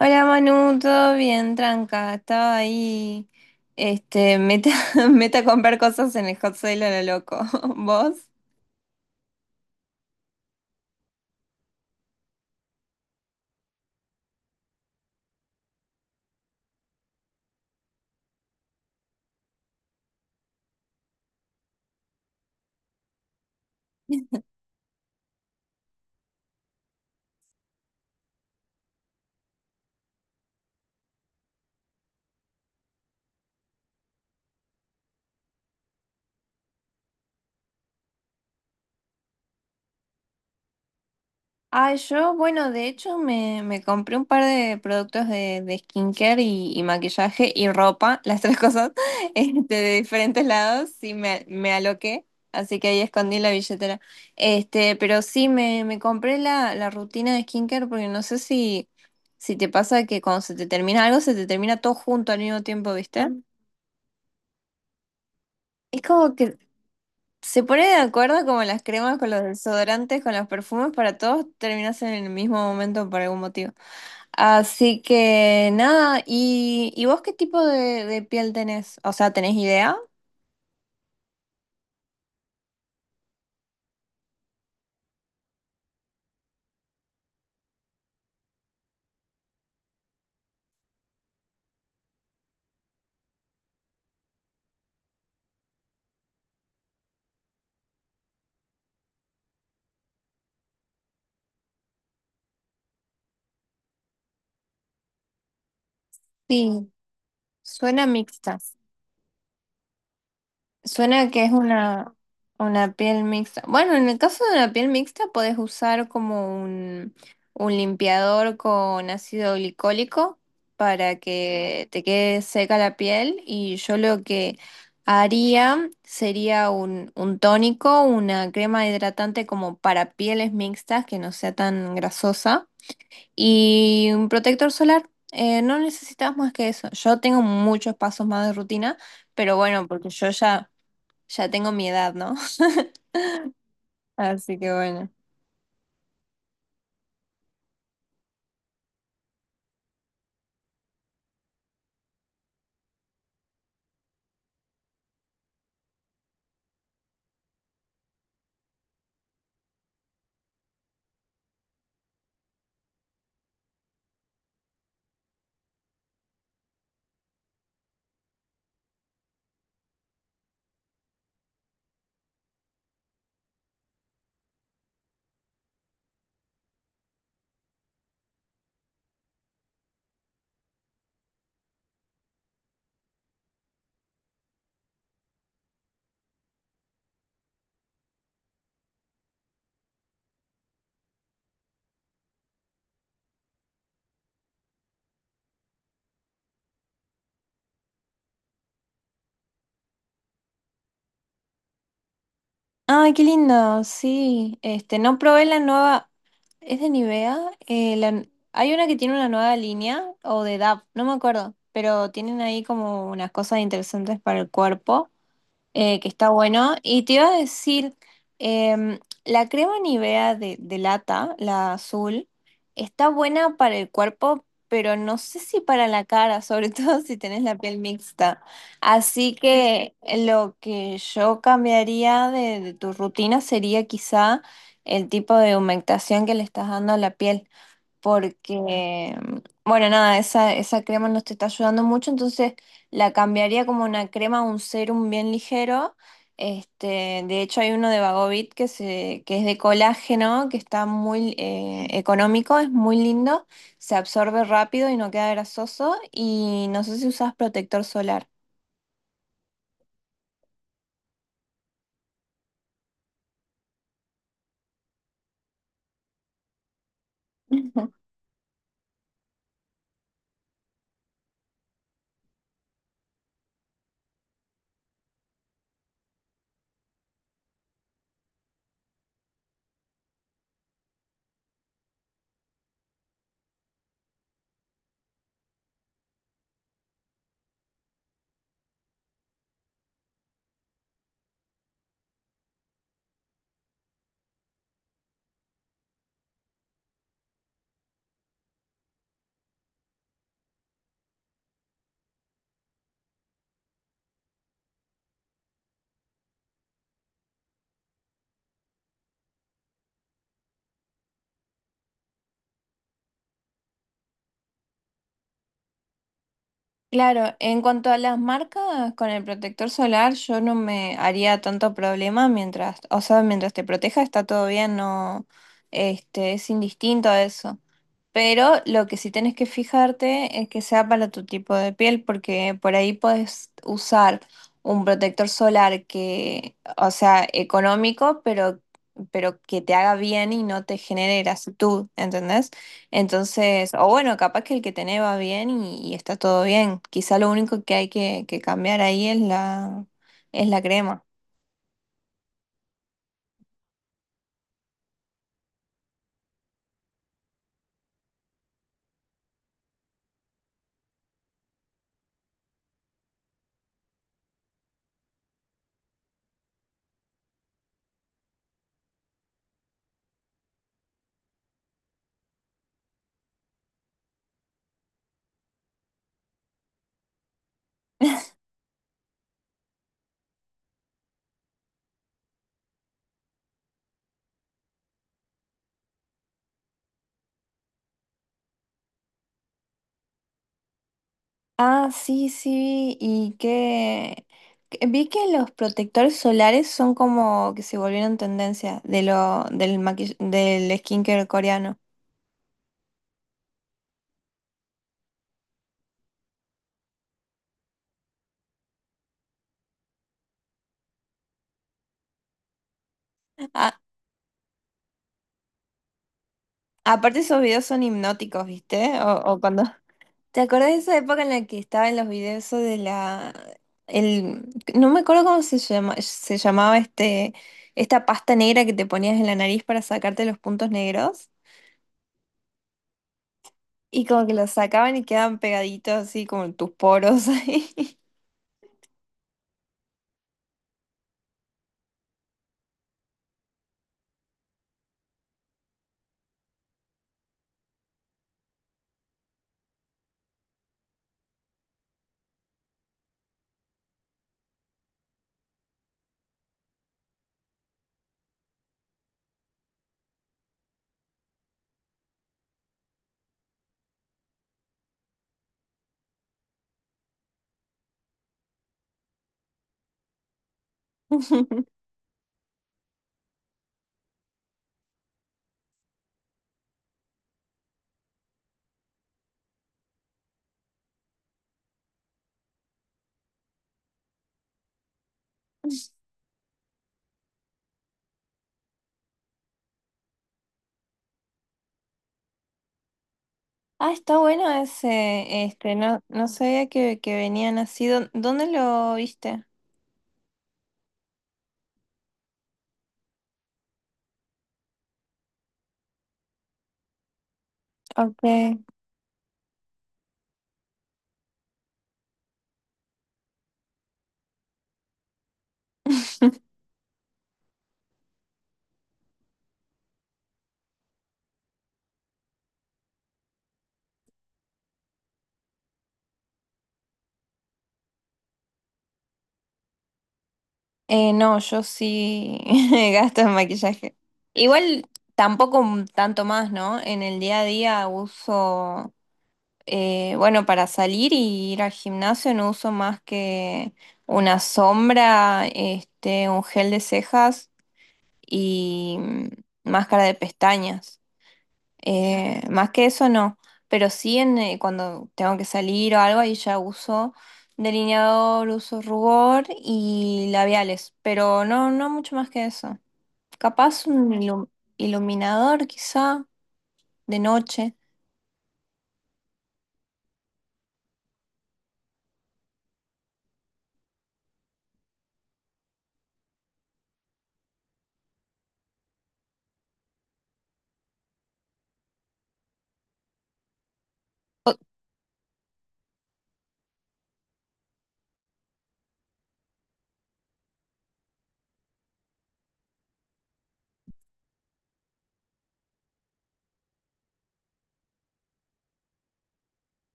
Hola Manu, todo bien, tranca. Estaba ahí, meta, meta a comprar cosas en el Hot Sale a lo loco. ¿Vos? Ah, yo, bueno, de hecho me compré un par de productos de skincare y maquillaje y ropa, las tres cosas, de diferentes lados, sí me aloqué, así que ahí escondí la billetera. Pero sí me compré la rutina de skincare porque no sé si, si te pasa que cuando se te termina algo, se te termina todo junto al mismo tiempo, ¿viste? Es como que se pone de acuerdo como las cremas con los desodorantes, con los perfumes, para todos terminas en el mismo momento por algún motivo. Así que nada, y vos qué tipo de piel tenés? O sea, ¿tenés idea? Sí, suena mixta. Suena que es una piel mixta. Bueno, en el caso de una piel mixta podés usar como un limpiador con ácido glicólico para que te quede seca la piel y yo lo que haría sería un tónico, una crema hidratante como para pieles mixtas que no sea tan grasosa. Y un protector solar, no necesitas más que eso. Yo tengo muchos pasos más de rutina, pero bueno, porque yo ya, ya tengo mi edad, ¿no? Así que bueno. Ay, qué lindo, sí. No probé la nueva, es de Nivea. Eh, la- Hay una que tiene una nueva línea, o de DAP, no me acuerdo, pero tienen ahí como unas cosas interesantes para el cuerpo. Que está bueno. Y te iba a decir, em, la crema Nivea de lata, la azul, está buena para el cuerpo, pero no sé si para la cara, sobre todo si tenés la piel mixta. Así que lo que yo cambiaría de tu rutina sería quizá el tipo de humectación que le estás dando a la piel porque, bueno, nada, esa crema no te está ayudando mucho, entonces la cambiaría como una crema, un serum bien ligero. De hecho hay uno de Bagovit que es de colágeno, que está muy económico, es muy lindo, se absorbe rápido y no queda grasoso y no sé si usas protector solar. Claro, en cuanto a las marcas, con el protector solar yo no me haría tanto problema mientras, o sea, mientras te proteja está todo bien, no, es indistinto a eso. Pero lo que sí tenés que fijarte es que sea para tu tipo de piel, porque por ahí puedes usar un protector solar que, o sea, económico, pero que te haga bien y no te genere grasitud, ¿entendés? Entonces, o bueno, capaz que el que tenés va bien y está todo bien. Quizá lo único que hay que cambiar ahí es es la crema. Ah, sí, sí, y que vi que los protectores solares son como que se volvieron tendencia de lo del del skincare coreano. Ah, aparte esos videos son hipnóticos, ¿viste? O cuando ¿Te acordás de esa época en la que estaba en los videos eso de la el no me acuerdo cómo se llama, se llamaba esta pasta negra que te ponías en la nariz para sacarte los puntos negros? Y como que los sacaban y quedaban pegaditos así como en tus poros ahí. Ah, está bueno ese estreno. No sabía que venían así. ¿Dónde lo viste? Ok. No, yo sí gasto en maquillaje. Igual tampoco un tanto más, ¿no? En el día a día uso, bueno, para salir y ir al gimnasio no uso más que una sombra, un gel de cejas y máscara de pestañas. Más que eso no, pero sí en, cuando tengo que salir o algo, ahí ya uso delineador, uso rubor y labiales, pero no, no mucho más que eso. Capaz un iluminador quizá de noche.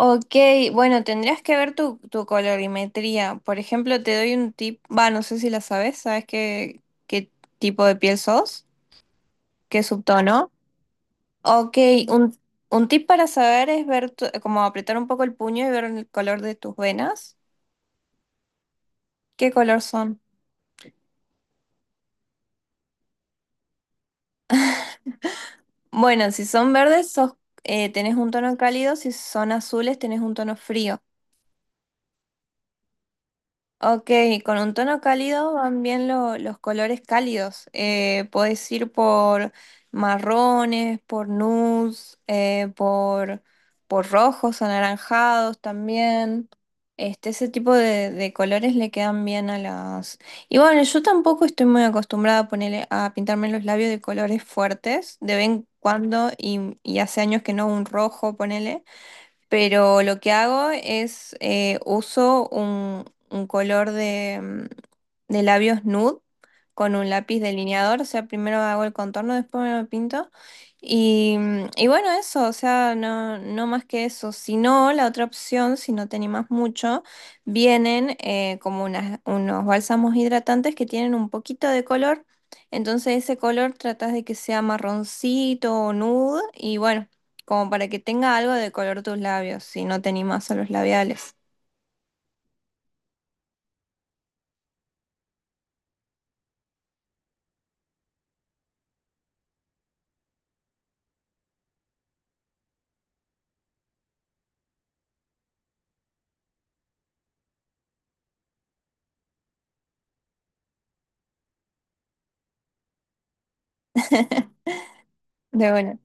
Ok, bueno, tendrías que ver tu colorimetría. Por ejemplo, te doy un tip, va, no sé si la sabes, ¿sabes qué, qué tipo de piel sos? ¿Qué subtono? Ok, un, un tip para saber es ver, como apretar un poco el puño y ver el color de tus venas. ¿Qué color son? Bueno, si son verdes, tenés un tono cálido, si son azules, tenés un tono frío. Ok, con un tono cálido van bien los colores cálidos. Podés ir por marrones, por nudes, por rojos, anaranjados también. Ese tipo de colores le quedan bien a las... Y bueno, yo tampoco estoy muy acostumbrada a ponerle, a pintarme los labios de colores fuertes, de vez en cuando, y hace años que no un rojo, ponele. Pero lo que hago es uso un color de, de labios nude con un lápiz delineador. O sea, primero hago el contorno, después me lo pinto. Y, y bueno, eso, o sea, no, no más que eso. Si no, la otra opción, si no te animas mucho, vienen como unos bálsamos hidratantes que tienen un poquito de color. Entonces ese color tratas de que sea marroncito o nude y bueno como para que tenga algo de color tus labios, si no te animas a los labiales. De bueno.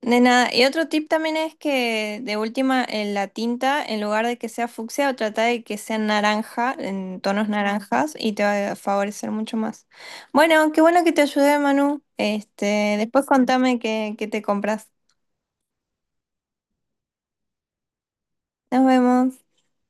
De nada. Y otro tip también es que de última en la tinta, en lugar de que sea fucsia, trata de que sea naranja, en tonos naranjas, y te va a favorecer mucho más. Bueno, qué bueno que te ayudé, Manu. Después contame qué, qué te compras. Nos vemos.